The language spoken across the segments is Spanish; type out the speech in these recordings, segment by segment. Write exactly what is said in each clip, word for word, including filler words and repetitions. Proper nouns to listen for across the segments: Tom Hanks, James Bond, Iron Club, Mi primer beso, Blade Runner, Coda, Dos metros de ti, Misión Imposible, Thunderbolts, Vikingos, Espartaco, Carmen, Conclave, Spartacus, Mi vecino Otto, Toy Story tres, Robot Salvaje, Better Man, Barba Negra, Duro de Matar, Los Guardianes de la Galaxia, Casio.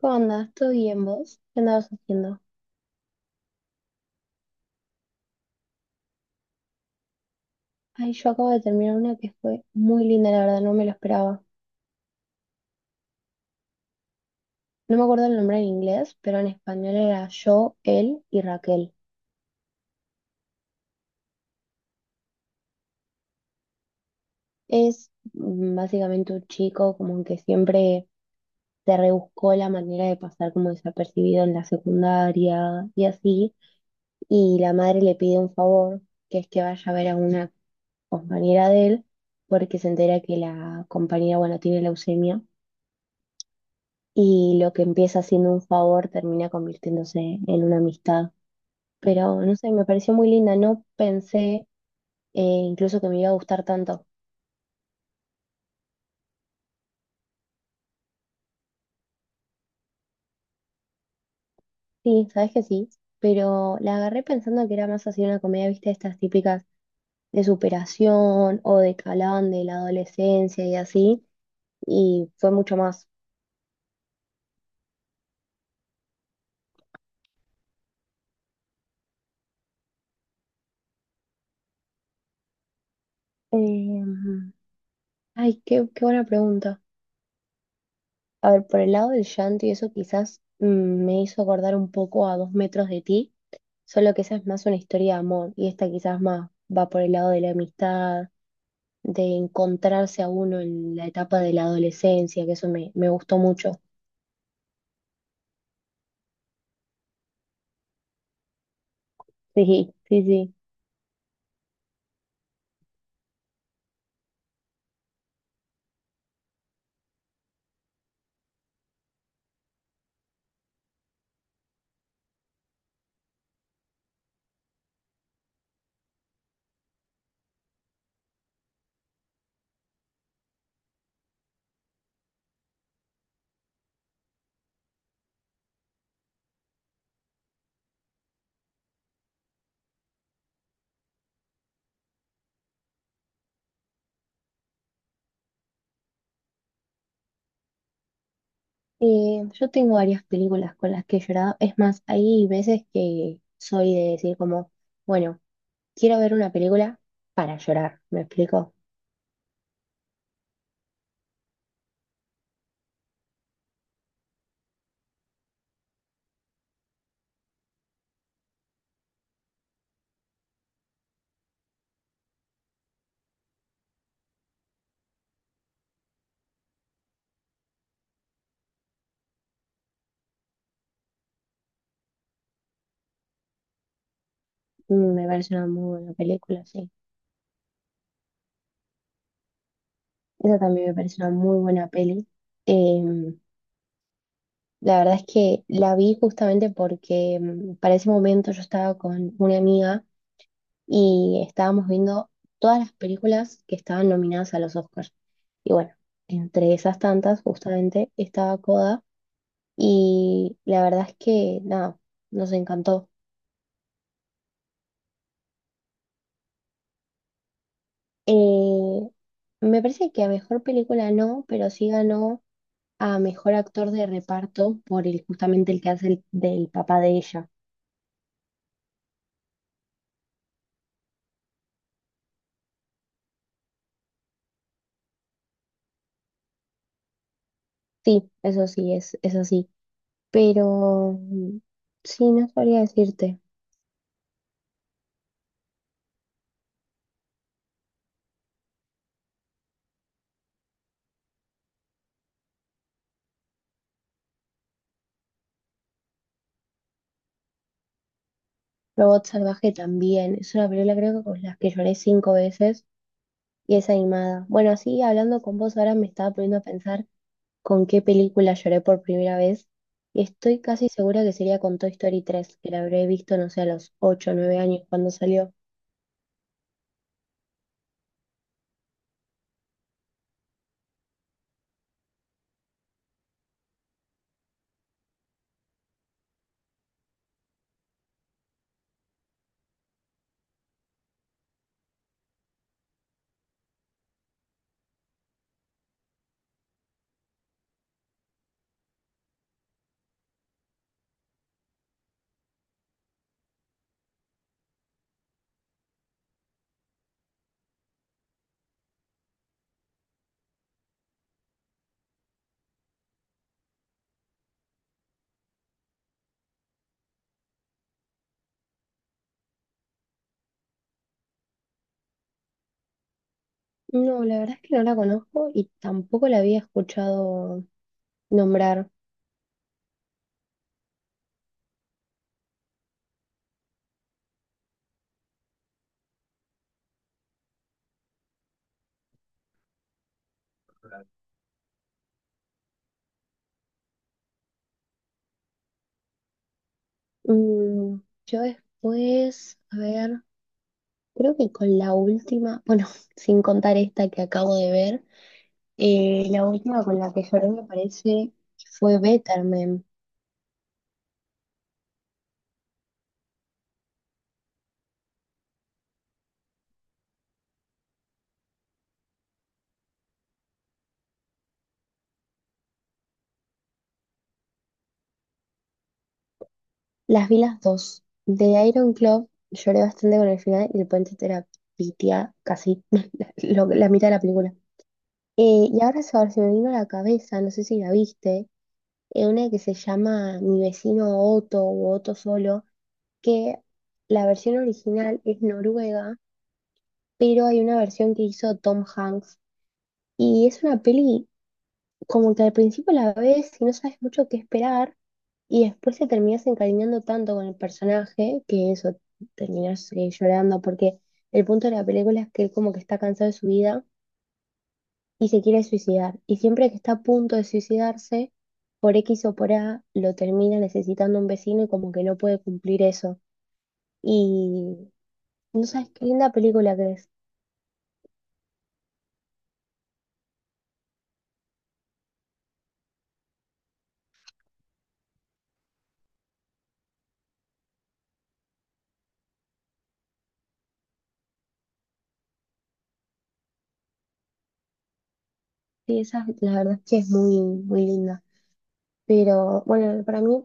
¿Cómo andas? ¿Todo bien vos? ¿Qué andabas haciendo? Ay, yo acabo de terminar una que fue muy linda, la verdad, no me lo esperaba. No me acuerdo el nombre en inglés, pero en español era Yo, él y Raquel. Es mm, básicamente un chico como que siempre se rebuscó la manera de pasar como desapercibido en la secundaria y así. Y la madre le pide un favor, que es que vaya a ver a una compañera de él, porque se entera que la compañera, bueno, tiene leucemia y lo que empieza siendo un favor termina convirtiéndose en una amistad. Pero no sé, me pareció muy linda, no pensé eh, incluso que me iba a gustar tanto. Sí, sabes que sí, pero la agarré pensando que era más así una comedia, viste, estas típicas de superación o de calán de la adolescencia y así, y fue mucho más. Em, ay, qué, qué buena pregunta. A ver, por el lado del llanto y eso quizás mm, me hizo acordar un poco a Dos metros de ti, solo que esa es más una historia de amor y esta quizás más va por el lado de la amistad, de encontrarse a uno en la etapa de la adolescencia, que eso me, me gustó mucho. Sí, sí, sí. Y yo tengo varias películas con las que he llorado. Es más, hay veces que soy de decir como, bueno, quiero ver una película para llorar, ¿me explico? Mm. Me parece una muy buena película, sí. Esa también me parece una muy buena peli. Eh, la verdad es que la vi justamente porque mm, para ese momento yo estaba con una amiga y estábamos viendo todas las películas que estaban nominadas a los Oscars. Y bueno, entre esas tantas justamente estaba Coda y la verdad es que nada, nos encantó. Eh, me parece que a mejor película no, pero sí ganó a mejor actor de reparto por el, justamente el que hace el- del papá de ella. Sí, eso sí, es, es así. Pero mm, sí, no sabría decirte. Robot Salvaje también. Es una película creo que con las que lloré cinco veces y es animada. Bueno, así hablando con vos ahora me estaba poniendo a pensar con qué película lloré por primera vez. Y estoy casi segura que sería con Toy Story tres que la habré visto, no sé, a los ocho o nueve años cuando salió. No, la verdad es que no la conozco y tampoco la había escuchado nombrar. Mm, yo después, a ver. Creo que con la última, bueno, sin contar esta que acabo de ver, eh, la última con la que lloré me parece fue Better Man. Las vi las dos. De Iron Club lloré bastante con el final y el puente te la pitea casi la, lo- la mitad de la película. Eh, y ahora se se me vino a la cabeza, no sé si la viste, eh, una que se llama Mi vecino Otto o Otto solo, que la versión original es noruega, pero hay una versión que hizo Tom Hanks. Y es una peli como que al principio la ves y no sabes mucho qué esperar, y después te terminas encariñando tanto con el personaje que eso, terminas eh, llorando, porque el punto de la película es que él como que está cansado de su vida y se quiere suicidar. Y siempre que está a punto de suicidarse, por X o por A, lo termina necesitando un vecino y como que no puede cumplir eso. Y no sabes qué linda película que es. Sí, esa la verdad es que es muy, muy linda. Pero bueno, para mí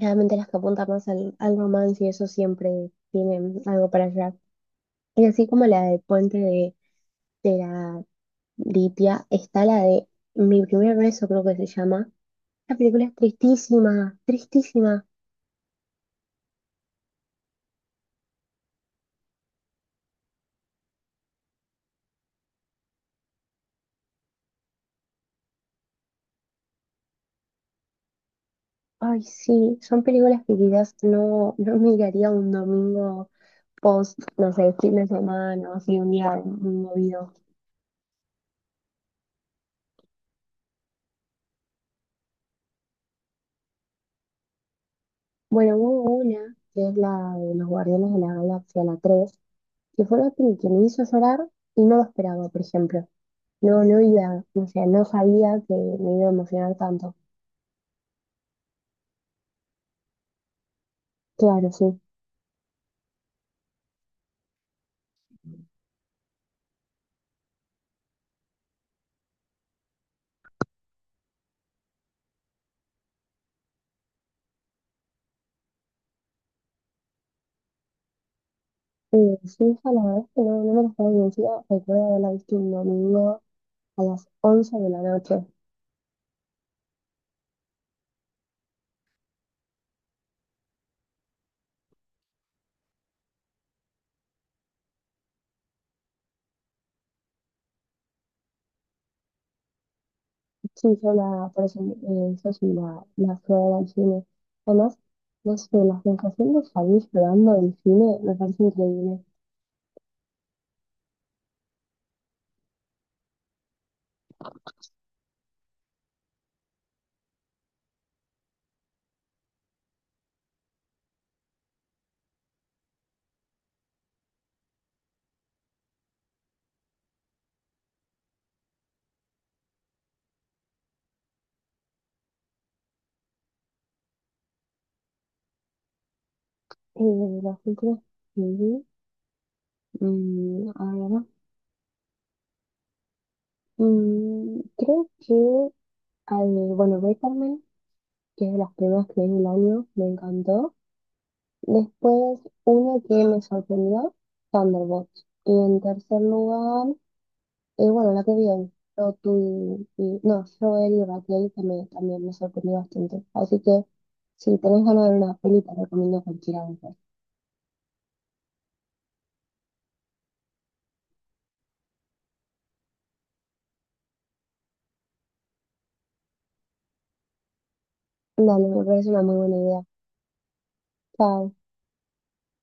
realmente las que apuntan más al, al romance y eso siempre tienen algo para allá. Y así como la del puente de, de la Lipia, está la de Mi primer beso, creo que se llama. La película es tristísima, tristísima. Ay, sí, son películas que quizás no, no miraría un domingo post, no sé, fin de semana, o así un día muy movido. Bueno, hubo una, que es la de Los Guardianes de la Galaxia, la tres, que fue la peli que me hizo llorar y no lo esperaba, por ejemplo. No, no iba, o sea, no sabía que me iba a emocionar tanto. Claro, sí. Eh, sí, hija, la verdad es que no, no me lo estaba convencida. Recuerdo haberla visto un domingo a las once de la noche. Sí, yo la, por eso, eh, yo sí la, la fui a ver al cine. Además, no sé, la sensación de salir llorando del cine me parece increíble. Eh, de las películas que vi, mm, ahora, mm, creo que, al- bueno, Carmen, que es de las primeras que vi en el año, me encantó. Después, uno que me sorprendió, Thunderbolts. Y en tercer lugar, eh, bueno, la que bien, yo tú y, y- no, Joel y Raquel que me, también me sorprendió bastante. Así que si tenés ganas de ver una peli, te recomiendo cualquiera de esas. Dale, me parece una muy buena idea. Chao.